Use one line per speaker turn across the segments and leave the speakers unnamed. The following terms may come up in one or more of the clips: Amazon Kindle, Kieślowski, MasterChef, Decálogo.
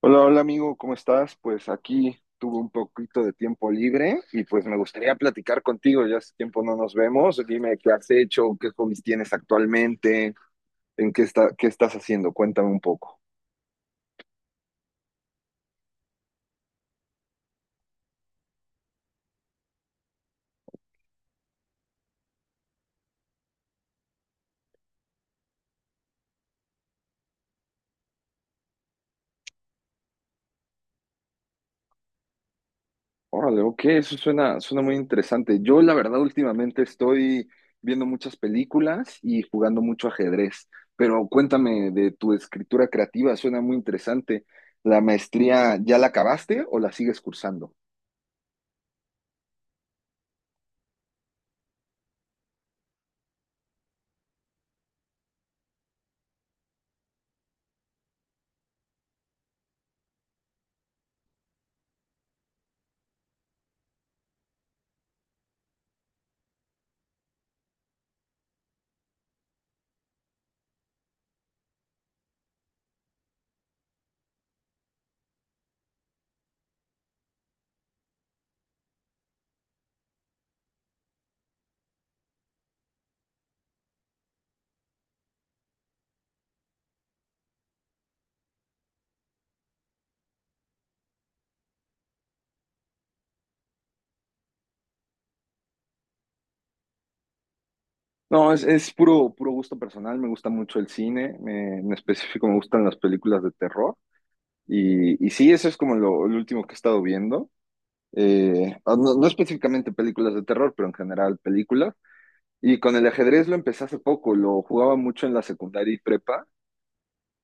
Hola, hola amigo, ¿cómo estás? Pues aquí tuve un poquito de tiempo libre y pues me gustaría platicar contigo, ya hace tiempo no nos vemos, dime qué has hecho, qué hobbies tienes actualmente, qué estás haciendo, cuéntame un poco. Órale, ok, eso suena, suena muy interesante. Yo la verdad últimamente estoy viendo muchas películas y jugando mucho ajedrez, pero cuéntame de tu escritura creativa, suena muy interesante. ¿La maestría ya la acabaste o la sigues cursando? No, es puro, puro gusto personal, me gusta mucho el cine, en específico me gustan las películas de terror y sí, eso es como lo último que he estado viendo. No, no específicamente películas de terror, pero en general películas. Y con el ajedrez lo empecé hace poco, lo jugaba mucho en la secundaria y prepa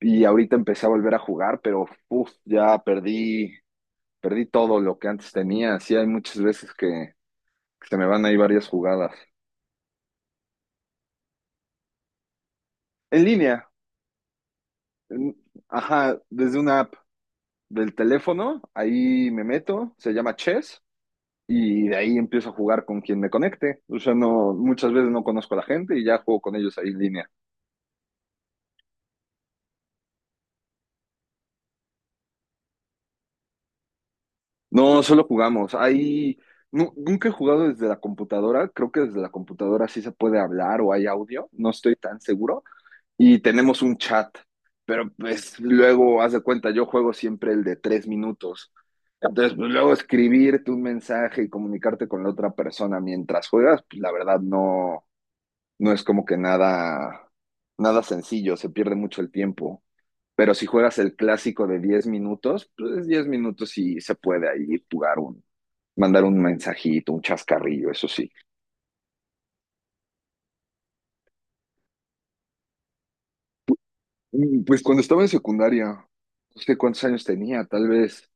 y ahorita empecé a volver a jugar, pero uf, ya perdí, perdí todo lo que antes tenía, sí hay muchas veces que se me van ahí varias jugadas. En línea, en- ajá, desde una app del teléfono, ahí me meto, se llama Chess, y de ahí empiezo a jugar con quien me conecte. O sea, no, muchas veces no conozco a la gente y ya juego con ellos ahí en línea. No, solo jugamos. Ahí nunca he jugado desde la computadora. Creo que desde la computadora sí se puede hablar o hay audio, no estoy tan seguro. Y tenemos un chat, pero pues luego, haz de cuenta, yo juego siempre el de tres minutos. Entonces, pues, luego escribirte un mensaje y comunicarte con la otra persona mientras juegas, pues la verdad no es como que nada, nada sencillo, se pierde mucho el tiempo. Pero si juegas el clásico de 10 minutos, pues 10 minutos y se puede ahí mandar un mensajito, un chascarrillo, eso sí. Pues cuando estaba en secundaria, no sé cuántos años tenía, tal vez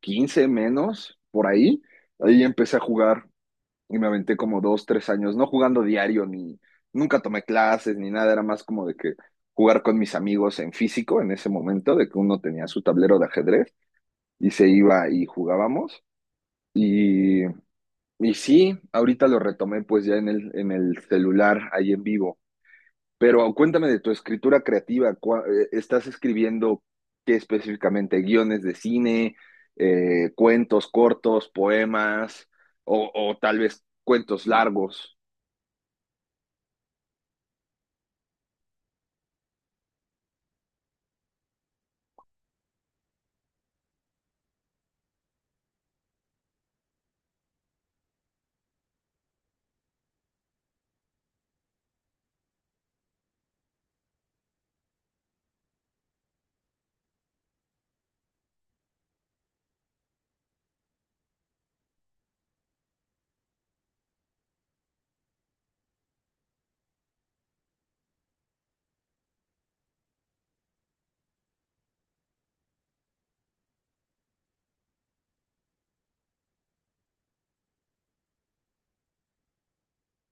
15 menos, por ahí, ahí empecé a jugar y me aventé como dos, tres años, no jugando diario, ni nunca tomé clases, ni nada, era más como de que jugar con mis amigos en físico en ese momento, de que uno tenía su tablero de ajedrez y se iba y jugábamos. Y, y sí, ahorita lo retomé pues ya en el celular, ahí en vivo. Pero cuéntame de tu escritura creativa. ¿Estás escribiendo qué específicamente? ¿Guiones de cine, cuentos cortos, poemas o tal vez cuentos largos?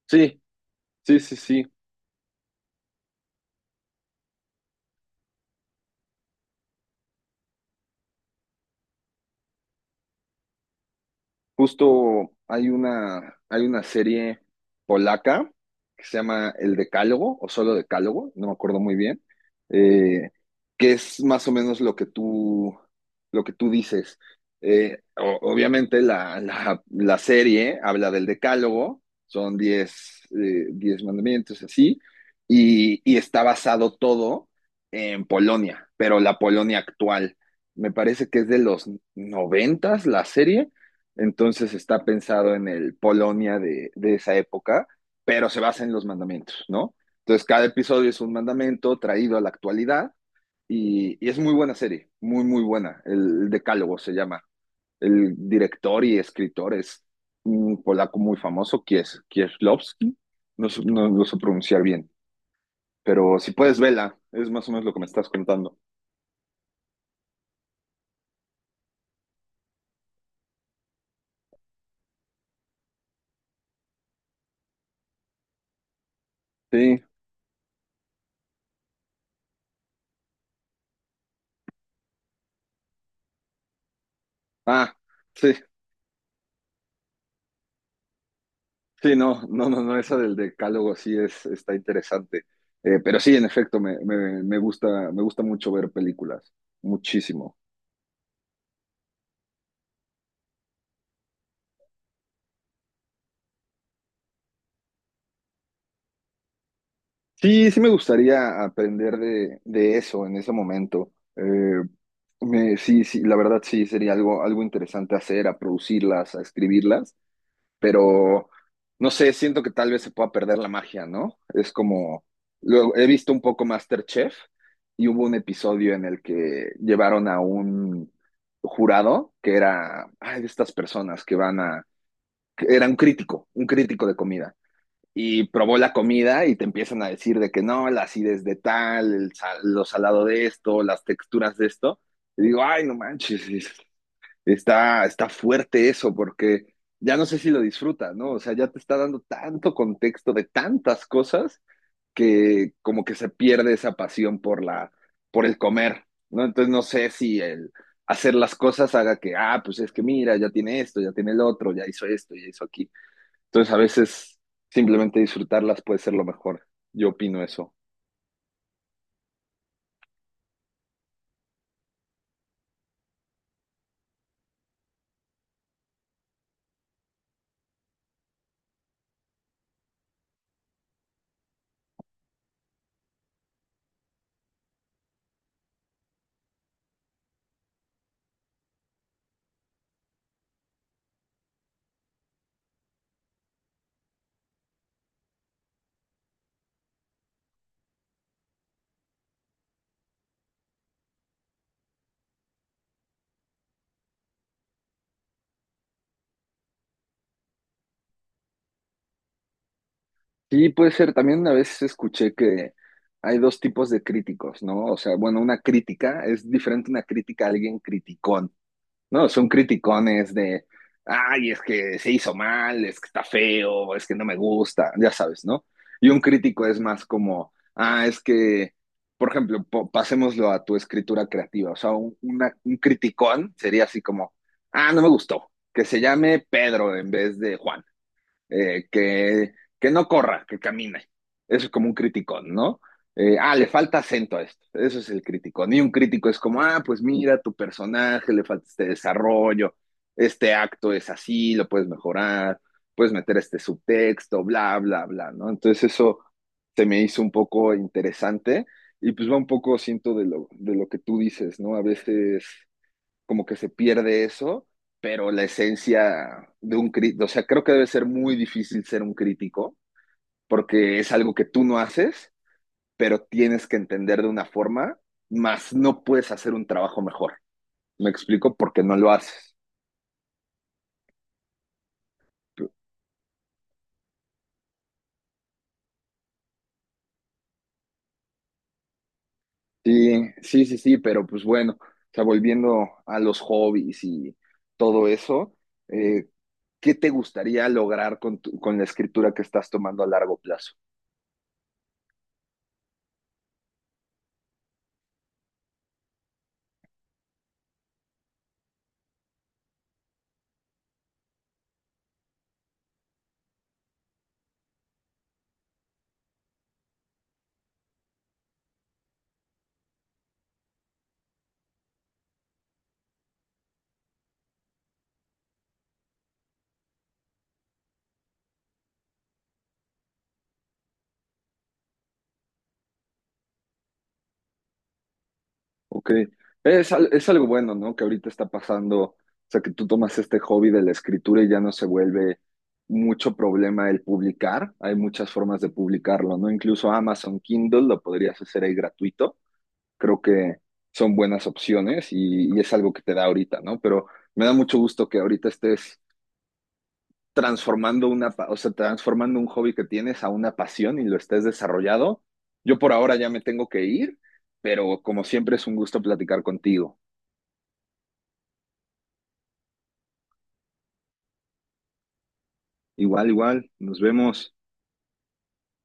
Sí, sí, sí, sí. Justo hay una serie polaca que se llama El Decálogo o solo Decálogo, no me acuerdo muy bien, eh, que es más o menos lo que tú dices. Obviamente la serie habla del Decálogo, son 10 10 mandamientos así, y está basado todo en Polonia, pero la Polonia actual. Me parece que es de los noventas la serie, entonces está pensado en el Polonia de esa época, pero se basa en los mandamientos, ¿no? Entonces cada episodio es un mandamento traído a la actualidad y es muy buena serie, muy, muy buena. Decálogo se llama. El director y escritor es un polaco muy famoso, Kieślowski. No lo sé pronunciar bien, pero si puedes, vela. Es más o menos lo que me estás contando. Sí. Ah, sí. Sí, no, no, no, no, esa del decálogo sí es, está interesante. Pero sí, en efecto, me gusta, me gusta mucho ver películas, muchísimo. Sí, sí me gustaría aprender de eso en ese momento. Sí, sí, la verdad sí, sería algo, algo interesante hacer, a producirlas, a escribirlas. Pero no sé, siento que tal vez se pueda perder la magia, ¿no? Es como, luego he visto un poco MasterChef y hubo un episodio en el que llevaron a un jurado que era, ay, de estas personas que van a, que era un crítico de comida. Y probó la comida y te empiezan a decir de que no, la acidez de tal, lo salado de esto, las texturas de esto. Y digo, ay, no manches, está, está fuerte eso porque ya no sé si lo disfruta, ¿no? O sea, ya te está dando tanto contexto de tantas cosas que como que se pierde esa pasión por la, por el comer, ¿no? Entonces no sé si el hacer las cosas haga que, ah, pues es que mira, ya tiene esto, ya tiene el otro, ya hizo esto, ya hizo aquí. Entonces a veces simplemente disfrutarlas puede ser lo mejor. Yo opino eso. Sí, puede ser. También una vez escuché que hay dos tipos de críticos, ¿no? O sea, bueno, una crítica es diferente a una crítica a alguien criticón, ¿no? Son criticones de, ay, es que se hizo mal, es que está feo, es que no me gusta, ya sabes, ¿no? Y un crítico es más como, ah, es que, por ejemplo, pasémoslo a tu escritura creativa. O sea, un criticón sería así como, ah, no me gustó, que se llame Pedro en vez de Juan, eh, que, que no corra, que camine. Eso es como un criticón, ¿no? Le falta acento a esto. Eso es el criticón. Y un crítico es como, ah, pues mira, tu personaje, le falta este desarrollo, este acto es así, lo puedes mejorar, puedes meter este subtexto, bla, bla, bla, ¿no? Entonces eso se me hizo un poco interesante y pues va un poco, siento, de lo que tú dices, ¿no? A veces como que se pierde eso, pero la esencia de un crítico, o sea, creo que debe ser muy difícil ser un crítico, porque es algo que tú no haces, pero tienes que entender de una forma, más no puedes hacer un trabajo mejor. Me explico porque no lo haces. Sí, sí, sí, sí, pero pues bueno, o sea, volviendo a los hobbies y todo eso, eh, ¿qué te gustaría lograr con, con la escritura que estás tomando a largo plazo? Ok. Es, es algo bueno, ¿no? Que ahorita está pasando, o sea, que tú tomas este hobby de la escritura y ya no se vuelve mucho problema el publicar. Hay muchas formas de publicarlo, ¿no? Incluso Amazon Kindle lo podrías hacer ahí gratuito. Creo que son buenas opciones y es algo que te da ahorita, ¿no? Pero me da mucho gusto que ahorita estés transformando una, o sea, transformando un hobby que tienes a una pasión y lo estés desarrollado. Yo por ahora ya me tengo que ir, pero como siempre es un gusto platicar contigo. Igual, igual, nos vemos.